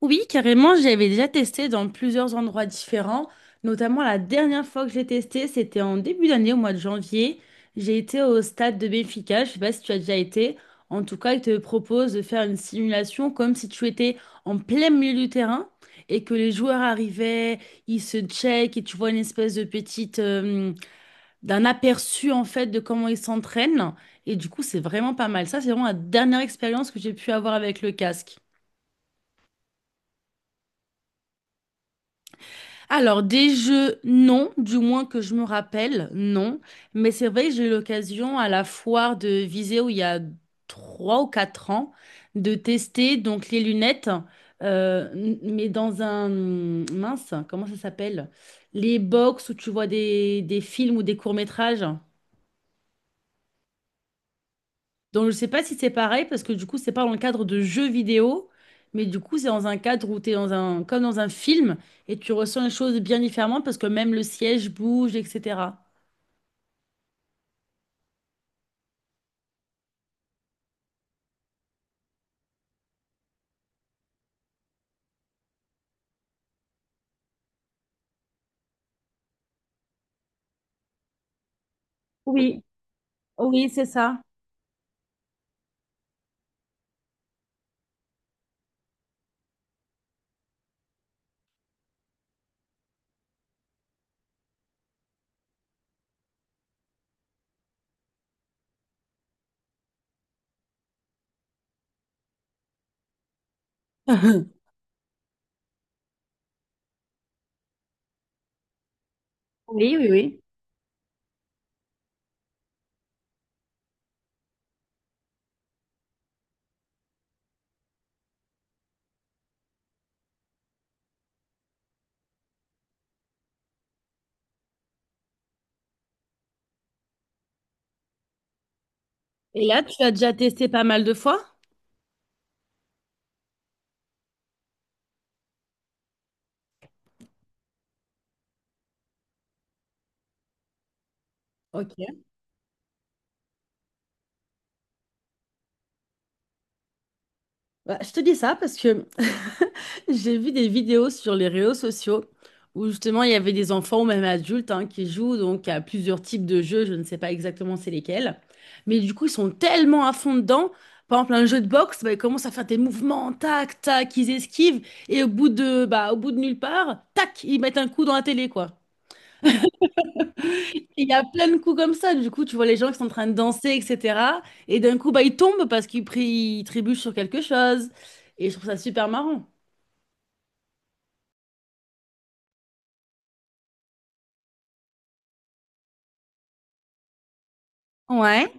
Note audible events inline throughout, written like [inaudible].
Oui, carrément, j'avais déjà testé dans plusieurs endroits différents. Notamment, la dernière fois que j'ai testé, c'était en début d'année, au mois de janvier. J'ai été au stade de Benfica. Je sais pas si tu as déjà été. En tout cas, il te propose de faire une simulation comme si tu étais en plein milieu du terrain et que les joueurs arrivaient, ils se checkent et tu vois une espèce de petite, d'un aperçu en fait de comment ils s'entraînent. Et du coup, c'est vraiment pas mal. Ça, c'est vraiment la dernière expérience que j'ai pu avoir avec le casque. Alors, des jeux, non, du moins que je me rappelle, non. Mais c'est vrai que j'ai eu l'occasion à la foire de Viseo il y a 3 ou 4 ans de tester donc les lunettes, mais dans un mince, comment ça s'appelle? Les box où tu vois des films ou des courts-métrages. Donc, je sais pas si c'est pareil parce que du coup, c'est pas dans le cadre de jeux vidéo, mais du coup, c'est dans un cadre où tu es dans un, comme dans un film et tu ressens les choses bien différemment parce que même le siège bouge, etc. Oui, oui, c'est ça. [laughs] Oui, oui, oui. Et là, tu as déjà testé pas mal de fois? Ok. Bah, je te dis ça parce que [laughs] j'ai vu des vidéos sur les réseaux sociaux où justement il y avait des enfants ou même adultes hein, qui jouent donc à plusieurs types de jeux, je ne sais pas exactement c'est lesquels, mais du coup ils sont tellement à fond dedans. Par exemple, un jeu de boxe, bah, ils commencent à faire des mouvements, tac, tac, ils esquivent et au bout de, bah, au bout de nulle part, tac, ils mettent un coup dans la télé quoi. Il y a plein de coups comme ça, du coup tu vois les gens qui sont en train de danser, etc. Et d'un coup bah, ils tombent parce qu'ils trébuchent sur quelque chose et je trouve ça super marrant. Ouais.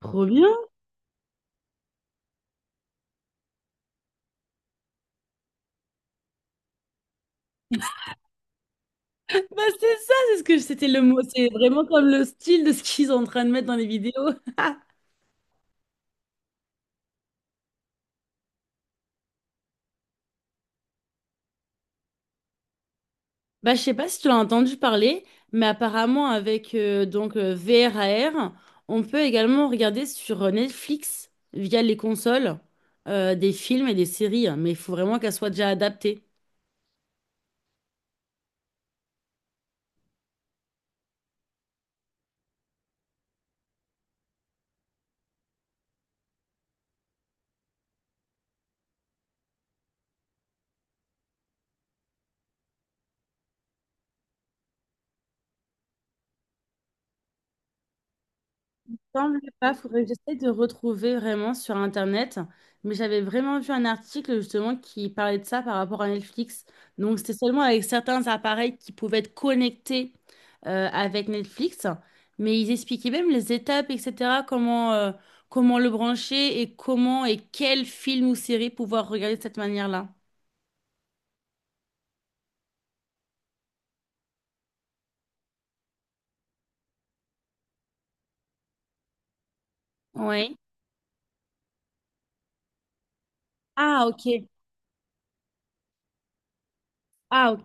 Trop bien. Bah c'est ça, c'est ce que c'était le mot. C'est vraiment comme le style de ce qu'ils sont en train de mettre dans les vidéos. Bah je sais pas si tu l'as entendu parler, mais apparemment avec donc VRAR, on peut également regarder sur Netflix via les consoles des films et des séries, hein, mais il faut vraiment qu'elles soient déjà adaptées. Semble pas, faudrait que j'essaie de retrouver vraiment sur Internet. Mais j'avais vraiment vu un article justement qui parlait de ça par rapport à Netflix. Donc c'était seulement avec certains appareils qui pouvaient être connectés avec Netflix. Mais ils expliquaient même les étapes, etc. Comment le brancher et comment et quel film ou série pouvoir regarder de cette manière-là. Oui. Ah, ok. Ah,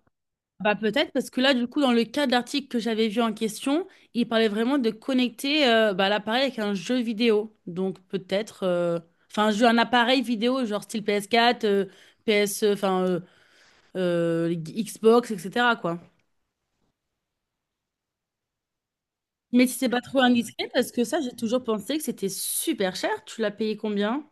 bah peut-être parce que là du coup dans le cas de l'article que j'avais vu en question, il parlait vraiment de connecter bah, l'appareil avec un jeu vidéo. Donc peut-être enfin un jeu un appareil vidéo genre style PS4, PS P S, enfin Xbox etc. quoi. Mais si c'est pas trop indiscret parce que ça j'ai toujours pensé que c'était super cher. Tu l'as payé combien?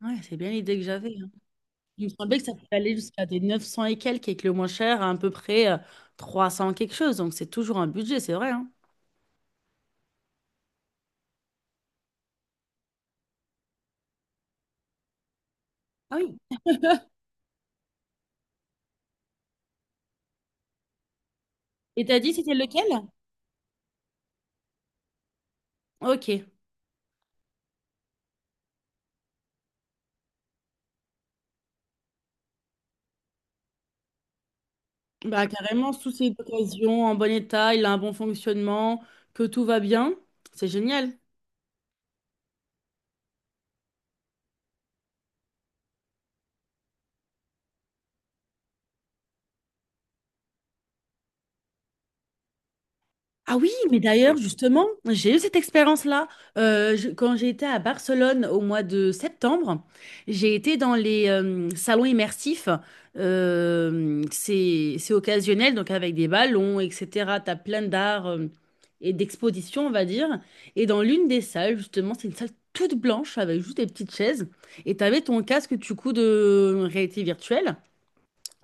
Ouais, c'est bien l'idée que j'avais, hein. Il me semblait que ça pouvait aller jusqu'à des 900 et quelques et que le moins cher à peu près 300 quelque chose. Donc c'est toujours un budget, c'est vrai, hein. Ah oui, et t'as dit c'était lequel? Ok. Bah carrément, sous ses occasions, en bon état, il a un bon fonctionnement, que tout va bien. C'est génial. Ah oui, mais d'ailleurs, justement, j'ai eu cette expérience-là. Quand j'ai été à Barcelone au mois de septembre, j'ai été dans les salons immersifs. C'est occasionnel, donc avec des ballons, etc. Tu as plein d'arts et d'expositions, on va dire. Et dans l'une des salles, justement, c'est une salle toute blanche avec juste des petites chaises. Et tu avais ton casque, du coup, de réalité virtuelle.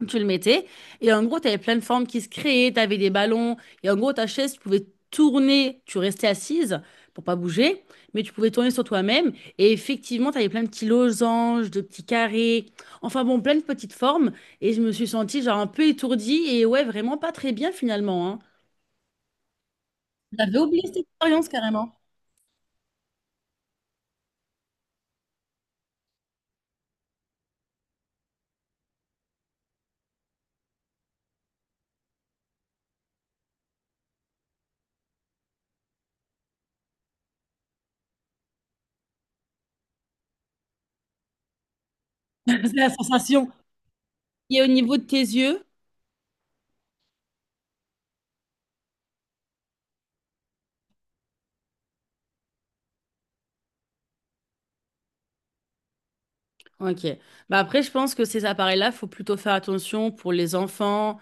Tu le mettais. Et en gros, tu avais plein de formes qui se créaient, tu avais des ballons. Et en gros, ta chaise, tu pouvais tourner, tu restais assise pour pas bouger, mais tu pouvais tourner sur toi-même. Et effectivement, tu avais plein de petits losanges, de petits carrés. Enfin bon, plein de petites formes. Et je me suis sentie genre un peu étourdie et ouais, vraiment pas très bien finalement, hein. J'avais oublié cette expérience carrément. [laughs] C'est la sensation. Et au niveau de tes yeux? Ok. Bah après, je pense que ces appareils-là, faut plutôt faire attention pour les enfants.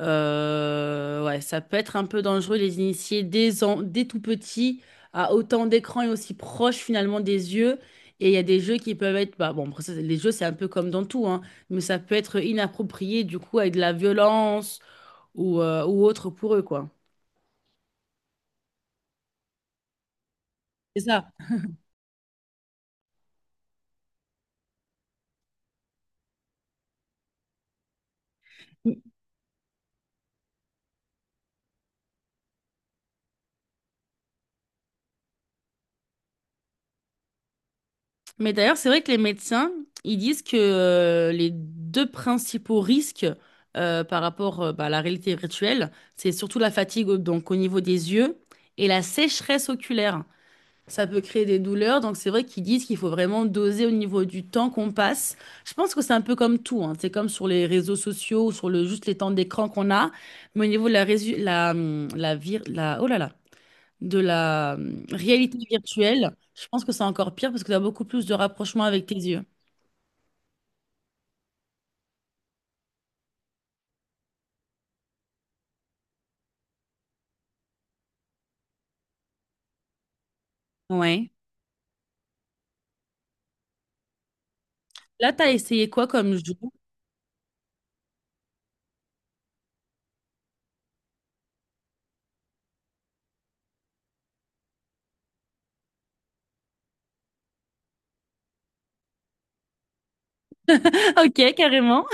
Ouais, ça peut être un peu dangereux de les initier dès tout petit à autant d'écrans et aussi proche finalement des yeux. Et il y a des jeux qui peuvent être, bah bon, après ça, les jeux c'est un peu comme dans tout, hein, mais ça peut être inapproprié du coup avec de la violence ou autre pour eux, quoi. C'est ça. Mais d'ailleurs, c'est vrai que les médecins, ils disent que les deux principaux risques par rapport bah, à la réalité virtuelle, c'est surtout la fatigue donc au niveau des yeux et la sécheresse oculaire. Ça peut créer des douleurs, donc c'est vrai qu'ils disent qu'il faut vraiment doser au niveau du temps qu'on passe. Je pense que c'est un peu comme tout, hein. C'est comme sur les réseaux sociaux ou sur le juste les temps d'écran qu'on a, mais au niveau de la, résu- la, la, vir- la, oh là là, de la réalité virtuelle, je pense que c'est encore pire parce que tu as beaucoup plus de rapprochement avec tes yeux. Ouais. Là, tu as essayé quoi comme jeu? [laughs] Ok, carrément.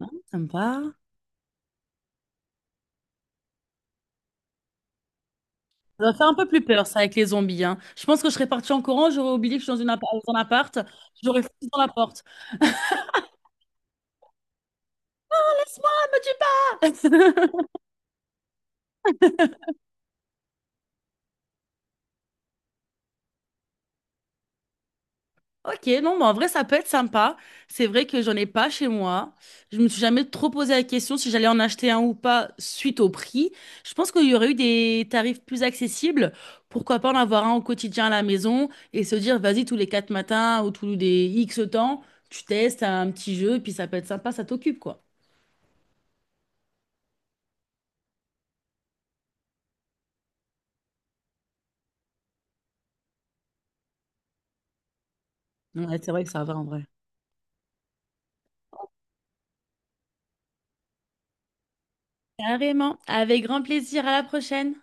Ah, sympa. Ça va faire un peu plus peur, ça, avec les zombies, hein. Je pense que je serais partie en courant, j'aurais oublié que je suis dans, dans un appart, j'aurais foutu dans la porte. Laisse-moi, me tue pas! [laughs] Ok, non, mais en vrai, ça peut être sympa. C'est vrai que j'en ai pas chez moi. Je me suis jamais trop posé la question si j'allais en acheter un ou pas suite au prix. Je pense qu'il y aurait eu des tarifs plus accessibles. Pourquoi pas en avoir un au quotidien à la maison et se dire, vas-y, tous les quatre matins ou tous les X temps, tu testes un petit jeu, puis ça peut être sympa, ça t'occupe, quoi. Ouais, c'est vrai que ça va en vrai. Carrément. Avec grand plaisir. À la prochaine.